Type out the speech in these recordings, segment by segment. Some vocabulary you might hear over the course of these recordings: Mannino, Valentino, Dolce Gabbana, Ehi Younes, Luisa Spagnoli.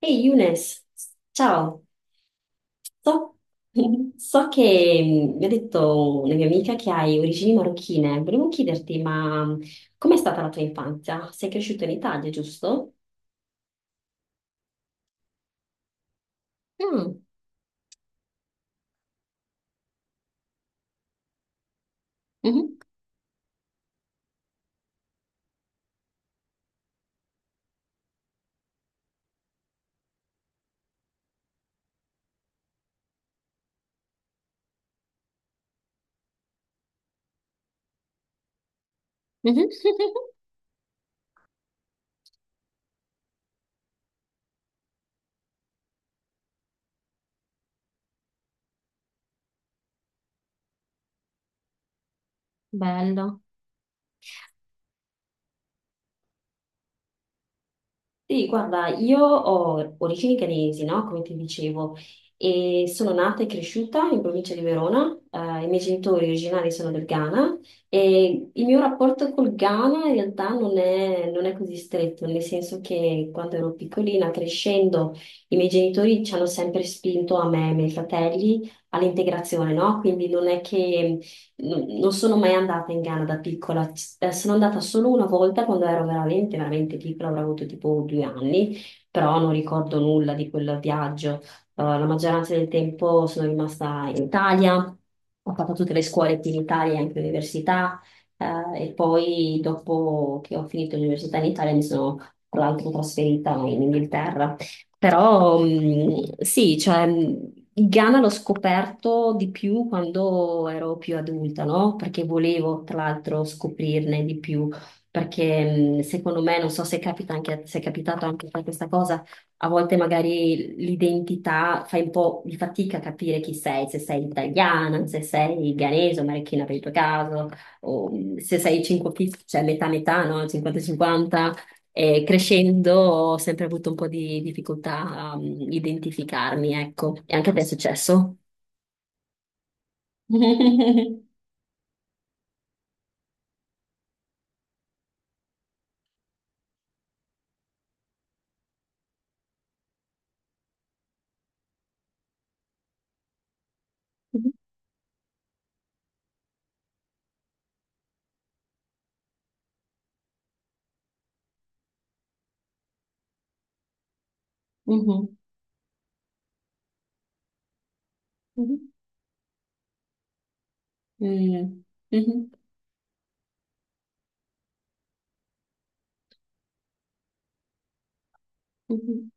Ehi Younes, ciao. So, so che mi ha detto una mia amica che hai origini marocchine. Volevo chiederti, ma com'è stata la tua infanzia? Sei cresciuto in Italia, giusto? Mm, mhm, mhm. Bello. Sì, guarda, io ho origini canesi, no? Come ti dicevo, e sono nata e cresciuta in provincia di Verona. I miei genitori originari sono del Ghana e il mio rapporto col Ghana in realtà non è così stretto, nel senso che quando ero piccolina, crescendo, i miei genitori ci hanno sempre spinto a me e ai miei fratelli all'integrazione, no? Quindi non è che non sono mai andata in Ghana da piccola, sono andata solo una volta quando ero veramente piccola, avrò avuto tipo 2 anni, però non ricordo nulla di quel viaggio. La maggioranza del tempo sono rimasta in Italia, ho fatto tutte le scuole qui in Italia, anche l'università, e poi dopo che ho finito l'università in Italia mi sono tra l'altro trasferita in Inghilterra. Però sì, cioè, il Ghana l'ho scoperto di più quando ero più adulta, no? Perché volevo, tra l'altro, scoprirne di più, perché secondo me, non so se capita anche, se è capitato anche a te questa cosa, a volte magari l'identità fai un po' di fatica a capire chi sei, se sei italiana, se sei ghanese o marocchina per il tuo caso, o se sei 5, cioè metà metà, no? 50-50. E crescendo ho sempre avuto un po' di difficoltà a identificarmi, ecco. E anche a te è successo? Mhm, mhm, mhm, mhm,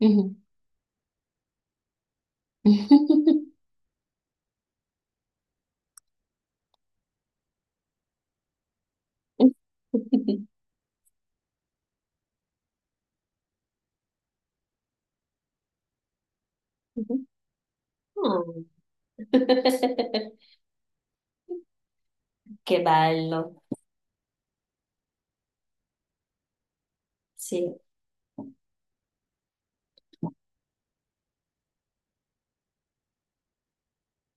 mhm, mhm, mhm. Oh. Che bello, sì.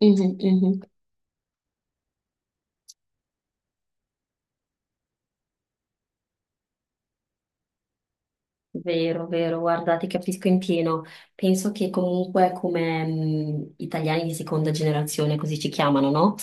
Mhm, mhm. Vero, vero, guarda, ti capisco in pieno. Penso che comunque come italiani di seconda generazione, così ci chiamano, no?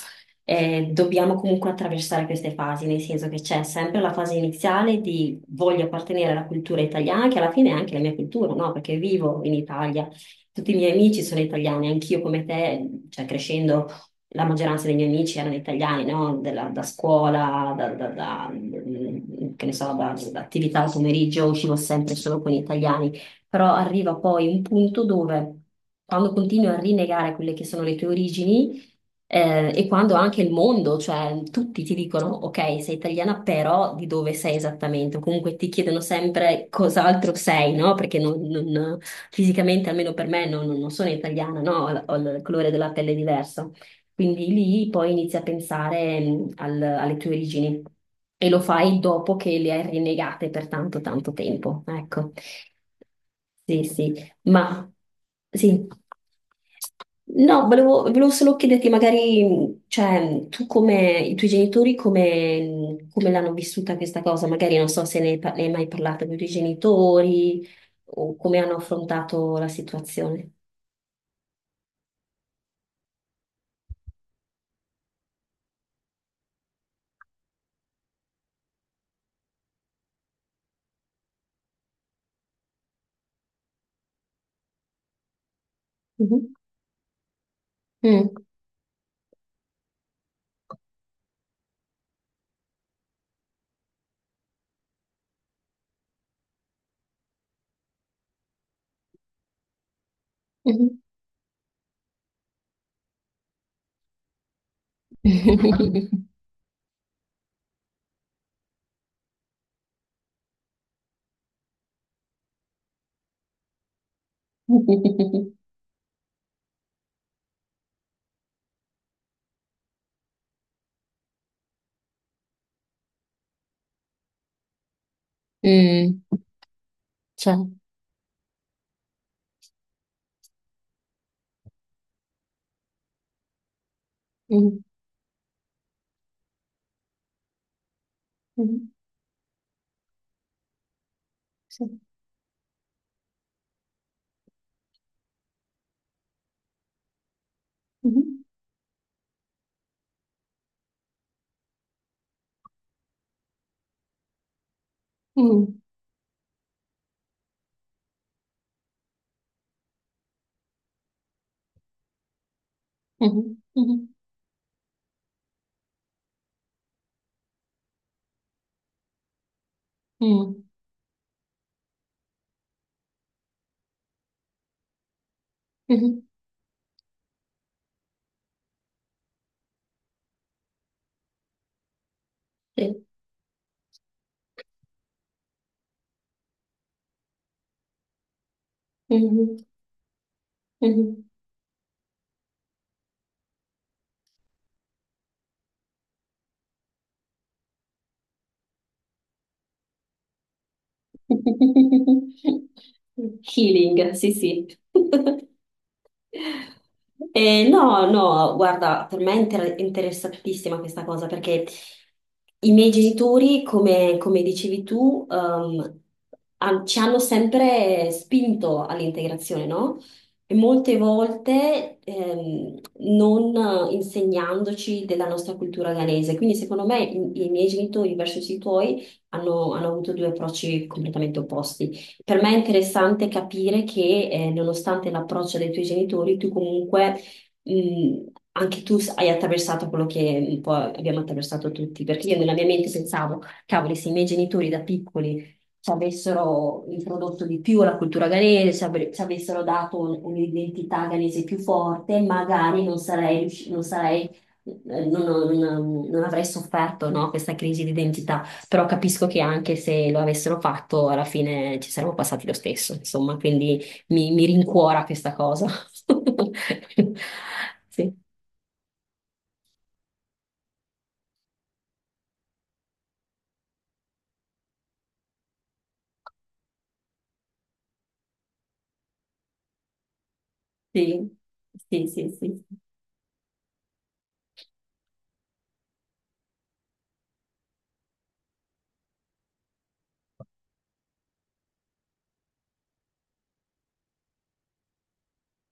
Dobbiamo comunque attraversare queste fasi, nel senso che c'è sempre la fase iniziale di voglio appartenere alla cultura italiana, che alla fine è anche la mia cultura, no? Perché vivo in Italia, tutti i miei amici sono italiani, anch'io come te, cioè crescendo la maggioranza dei miei amici erano italiani, no? Da scuola, che ne so, da attività al pomeriggio, uscivo sempre solo con gli italiani, però arriva poi un punto dove quando continui a rinnegare quelle che sono le tue origini, e quando anche il mondo, cioè tutti ti dicono, ok, sei italiana, però di dove sei esattamente? O comunque ti chiedono sempre cos'altro sei, no? Perché non, non- Fisicamente, almeno per me, non sono italiana, no? Ho il colore della pelle diverso. Quindi lì poi inizi a pensare alle tue origini e lo fai dopo che le hai rinnegate per tanto, tanto tempo. Ecco, sì, sì, ma sì. No, volevo solo chiederti magari, tu come, i tuoi genitori come, mm, come l'hanno vissuta questa cosa? Magari non so se ne hai mai parlato con i tuoi genitori o come hanno affrontato la situazione. Mhm. Mm. Mhm. Mm, cioè, mm, mm, sì, mhm, mm, mhm, mm, mhm, sì, mhm, mhm. Healing, sì, sì. No, no, guarda, per me è interessantissima questa cosa perché i miei genitori, come, come dicevi tu, ci hanno sempre spinto all'integrazione, no? E molte volte non insegnandoci della nostra cultura ghanese. Quindi, secondo me, i miei genitori verso i tuoi hanno avuto due approcci completamente opposti. Per me è interessante capire che, nonostante l'approccio dei tuoi genitori, tu comunque, mh, anche tu hai attraversato quello che un po' abbiamo attraversato tutti, perché io nella mia mente pensavo, cavoli, se i miei genitori da piccoli ci avessero introdotto di più la cultura ghanese, ci avessero dato un'identità ghanese più forte, magari non sarei, non avrei sofferto, no, questa crisi di identità. Però capisco che anche se lo avessero fatto, alla fine ci saremmo passati lo stesso, insomma, quindi mi rincuora questa cosa. Sì, sì, sì, sì, sì.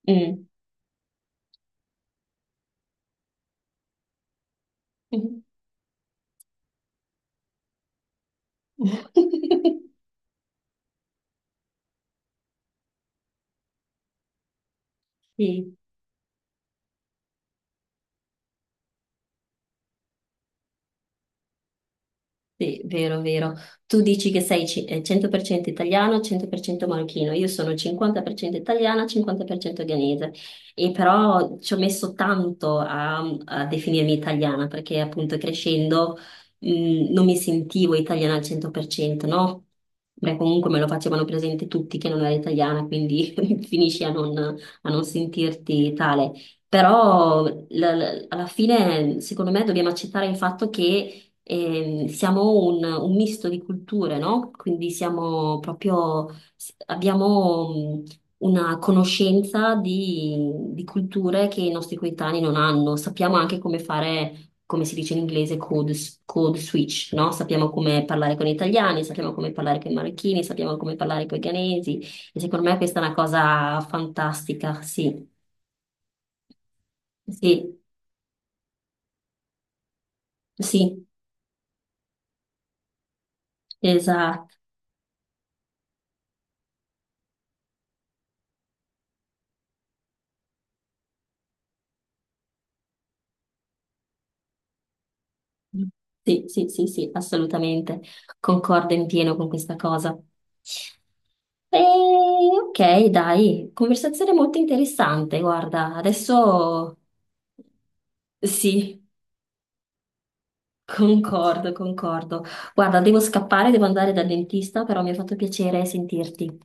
Mm. Sì. Sì, vero, vero. Tu dici che sei 100% italiano, 100% marocchino. Io sono 50% italiana, 50% ghanese. E però ci ho messo tanto a definirmi italiana perché appunto crescendo non mi sentivo italiana al 100%, no? Beh, comunque me lo facevano presente tutti che non ero italiana, quindi finisci a non sentirti tale. Però alla fine, secondo me, dobbiamo accettare il fatto che siamo un misto di culture, no? Quindi siamo proprio, abbiamo mh, una conoscenza di culture che i nostri coetanei non hanno. Sappiamo anche come fare, come si dice in inglese, code switch, no? Sappiamo come parlare con gli italiani, sappiamo come parlare con i marocchini, sappiamo come parlare con i ghanesi. E secondo me questa è una cosa fantastica, sì, sì, sì, esatto. Sì, sì, sì, sì, assolutamente. Concordo in pieno con questa cosa. E, ok, dai, conversazione molto interessante. Guarda, adesso sì, concordo, concordo. Guarda, devo scappare, devo andare dal dentista, però mi ha fatto piacere sentirti.